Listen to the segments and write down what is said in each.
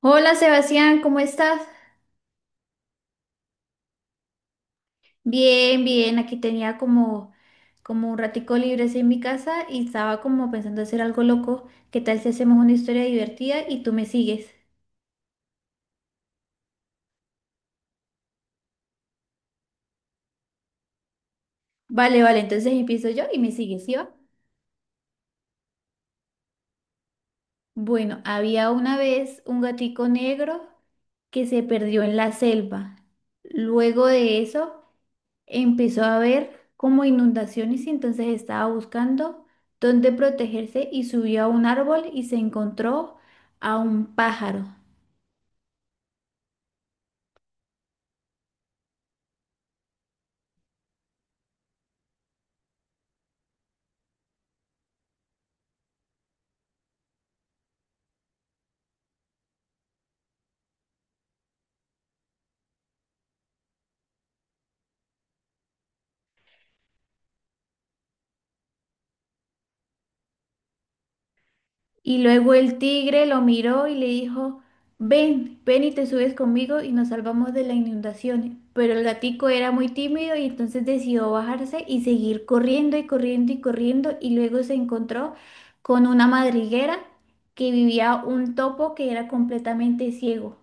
Hola Sebastián, ¿cómo estás? Bien, bien, aquí tenía como un ratico libre así en mi casa y estaba como pensando hacer algo loco. ¿Qué tal si hacemos una historia divertida y tú me sigues? Vale, vale, entonces empiezo yo y me sigues, ¿sí va? Bueno, había una vez un gatico negro que se perdió en la selva. Luego de eso, empezó a ver como inundaciones y entonces estaba buscando dónde protegerse y subió a un árbol y se encontró a un pájaro. Y luego el tigre lo miró y le dijo, ven, ven y te subes conmigo y nos salvamos de la inundación. Pero el gatico era muy tímido y entonces decidió bajarse y seguir corriendo y corriendo y corriendo y luego se encontró con una madriguera que vivía un topo que era completamente ciego.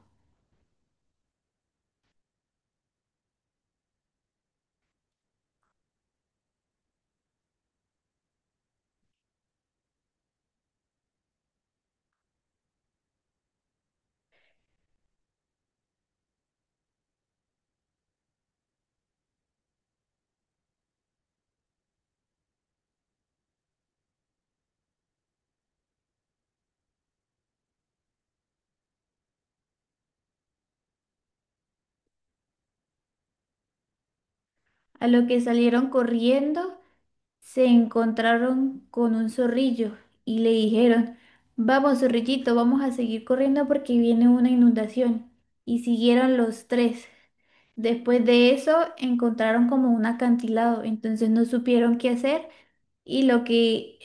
A lo que salieron corriendo, se encontraron con un zorrillo y le dijeron, vamos, zorrillito, vamos a seguir corriendo porque viene una inundación. Y siguieron los tres. Después de eso, encontraron como un acantilado, entonces no supieron qué hacer y lo que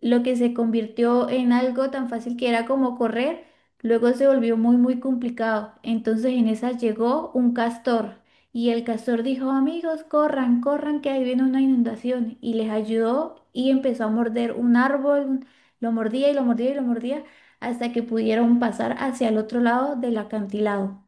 lo que se convirtió en algo tan fácil que era como correr, luego se volvió muy, muy complicado. Entonces en esa llegó un castor y el castor dijo, amigos, corran, corran, que ahí viene una inundación. Y les ayudó y empezó a morder un árbol, lo mordía y lo mordía y lo mordía hasta que pudieron pasar hacia el otro lado del acantilado.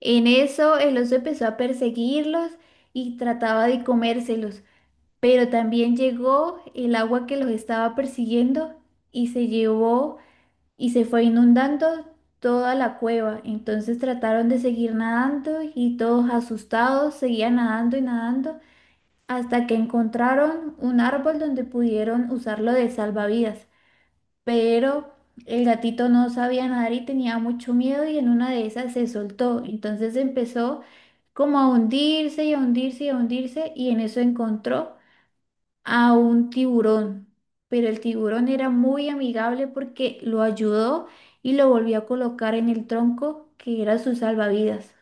En eso el oso empezó a perseguirlos y trataba de comérselos. Pero también llegó el agua que los estaba persiguiendo y se llevó y se fue inundando toda la cueva. Entonces trataron de seguir nadando y todos asustados seguían nadando y nadando hasta que encontraron un árbol donde pudieron usarlo de salvavidas. Pero el gatito no sabía nadar y tenía mucho miedo y en una de esas se soltó. Entonces empezó como a hundirse y a hundirse y a hundirse y en eso encontró a un tiburón, pero el tiburón era muy amigable porque lo ayudó y lo volvió a colocar en el tronco que era su salvavidas.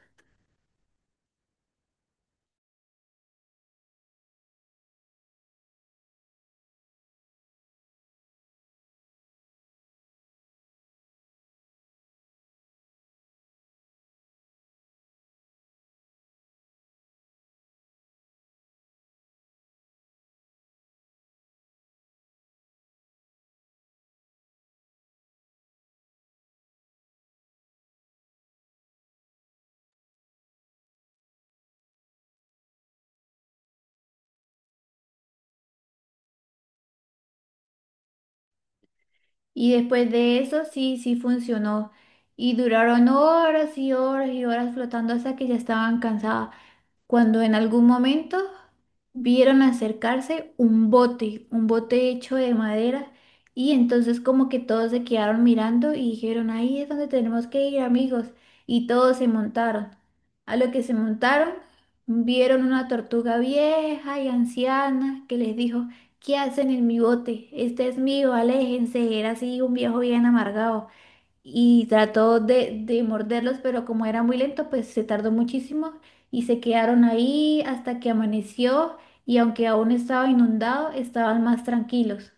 Y después de eso sí, sí funcionó. Y duraron horas y horas y horas flotando hasta que ya estaban cansadas. Cuando en algún momento vieron acercarse un bote hecho de madera, y entonces como que todos se quedaron mirando y dijeron, ahí es donde tenemos que ir, amigos, y todos se montaron. A lo que se montaron, vieron una tortuga vieja y anciana que les dijo, ¿qué hacen en mi bote? Este es mío, aléjense, era así un viejo bien amargado y trató de morderlos, pero como era muy lento, pues se tardó muchísimo y se quedaron ahí hasta que amaneció y aunque aún estaba inundado, estaban más tranquilos,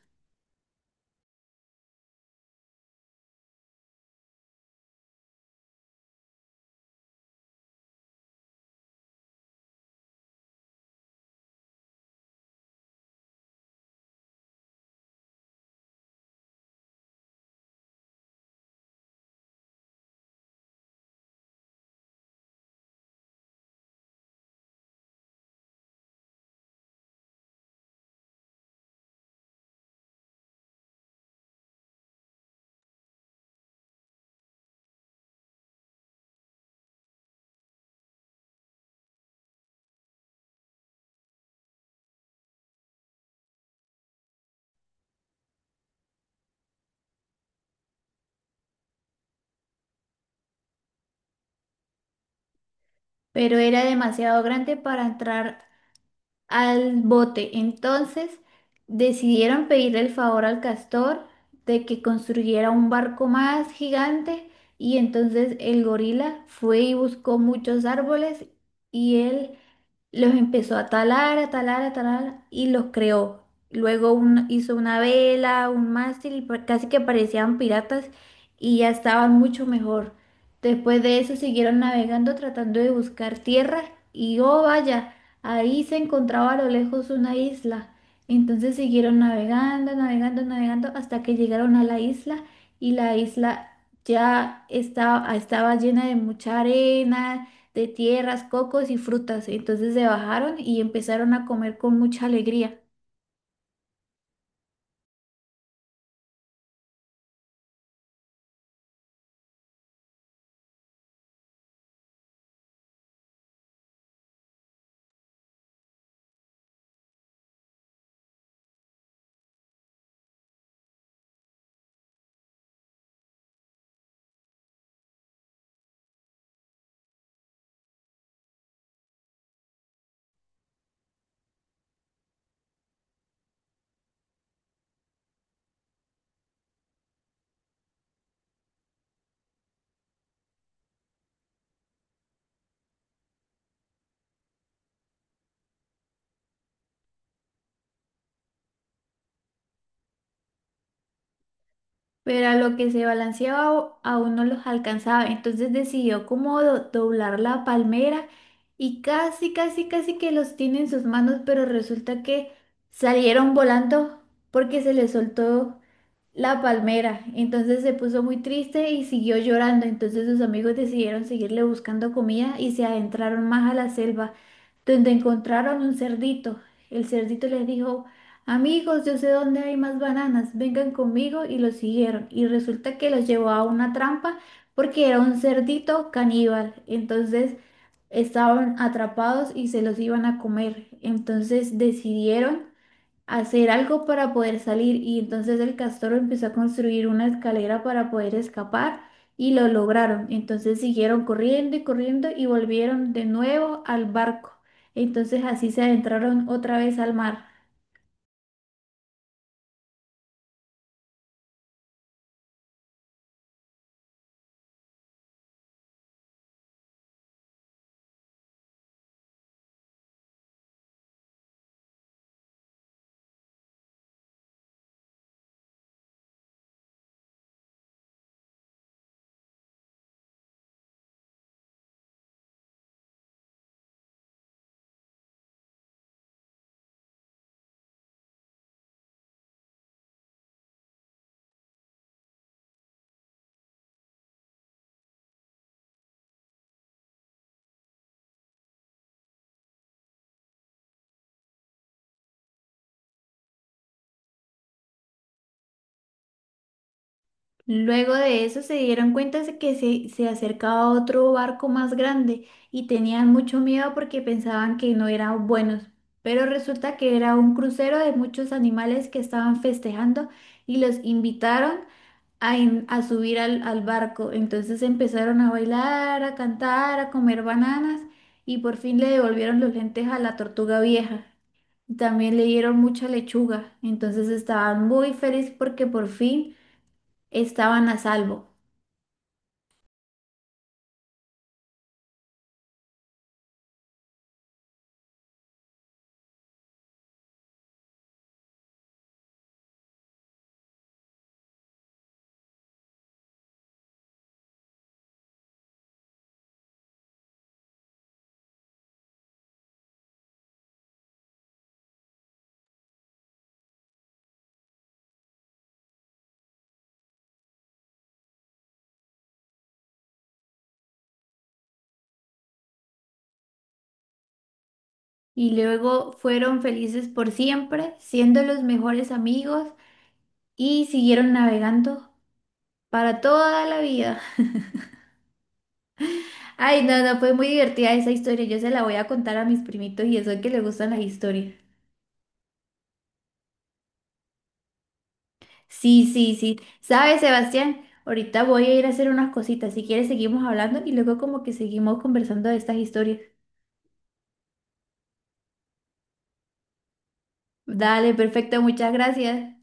pero era demasiado grande para entrar al bote. Entonces decidieron pedirle el favor al castor de que construyera un barco más gigante y entonces el gorila fue y buscó muchos árboles y él los empezó a talar, a talar, a talar y los creó. Luego hizo una vela, un mástil y casi que parecían piratas y ya estaban mucho mejor. Después de eso siguieron navegando tratando de buscar tierra y oh vaya, ahí se encontraba a lo lejos una isla. Entonces siguieron navegando, navegando, navegando hasta que llegaron a la isla y la isla ya estaba llena de mucha arena de tierras, cocos y frutas. Entonces se bajaron y empezaron a comer con mucha alegría. Pero a lo que se balanceaba aún no los alcanzaba. Entonces decidió como doblar la palmera y casi, casi, casi que los tiene en sus manos, pero resulta que salieron volando porque se les soltó la palmera. Entonces se puso muy triste y siguió llorando. Entonces sus amigos decidieron seguirle buscando comida y se adentraron más a la selva, donde encontraron un cerdito. El cerdito les dijo, amigos, yo sé dónde hay más bananas, vengan conmigo y los siguieron. Y resulta que los llevó a una trampa porque era un cerdito caníbal. Entonces estaban atrapados y se los iban a comer. Entonces decidieron hacer algo para poder salir y entonces el castor empezó a construir una escalera para poder escapar y lo lograron. Entonces siguieron corriendo y corriendo y volvieron de nuevo al barco. Entonces así se adentraron otra vez al mar. Luego de eso se dieron cuenta de que se acercaba otro barco más grande y tenían mucho miedo porque pensaban que no eran buenos. Pero resulta que era un crucero de muchos animales que estaban festejando y los invitaron a, a subir al barco. Entonces empezaron a bailar, a cantar, a comer bananas y por fin le devolvieron los lentes a la tortuga vieja. También le dieron mucha lechuga. Entonces estaban muy felices porque por fin estaban a salvo. Y luego fueron felices por siempre, siendo los mejores amigos y siguieron navegando para toda la vida. Ay, no, no, fue muy divertida esa historia. Yo se la voy a contar a mis primitos y eso es que les gustan las historias. Sí, sí, sí. ¿Sabes, Sebastián? Ahorita voy a ir a hacer unas cositas. Si quieres, seguimos hablando y luego como que seguimos conversando de estas historias. Dale, perfecto, muchas gracias.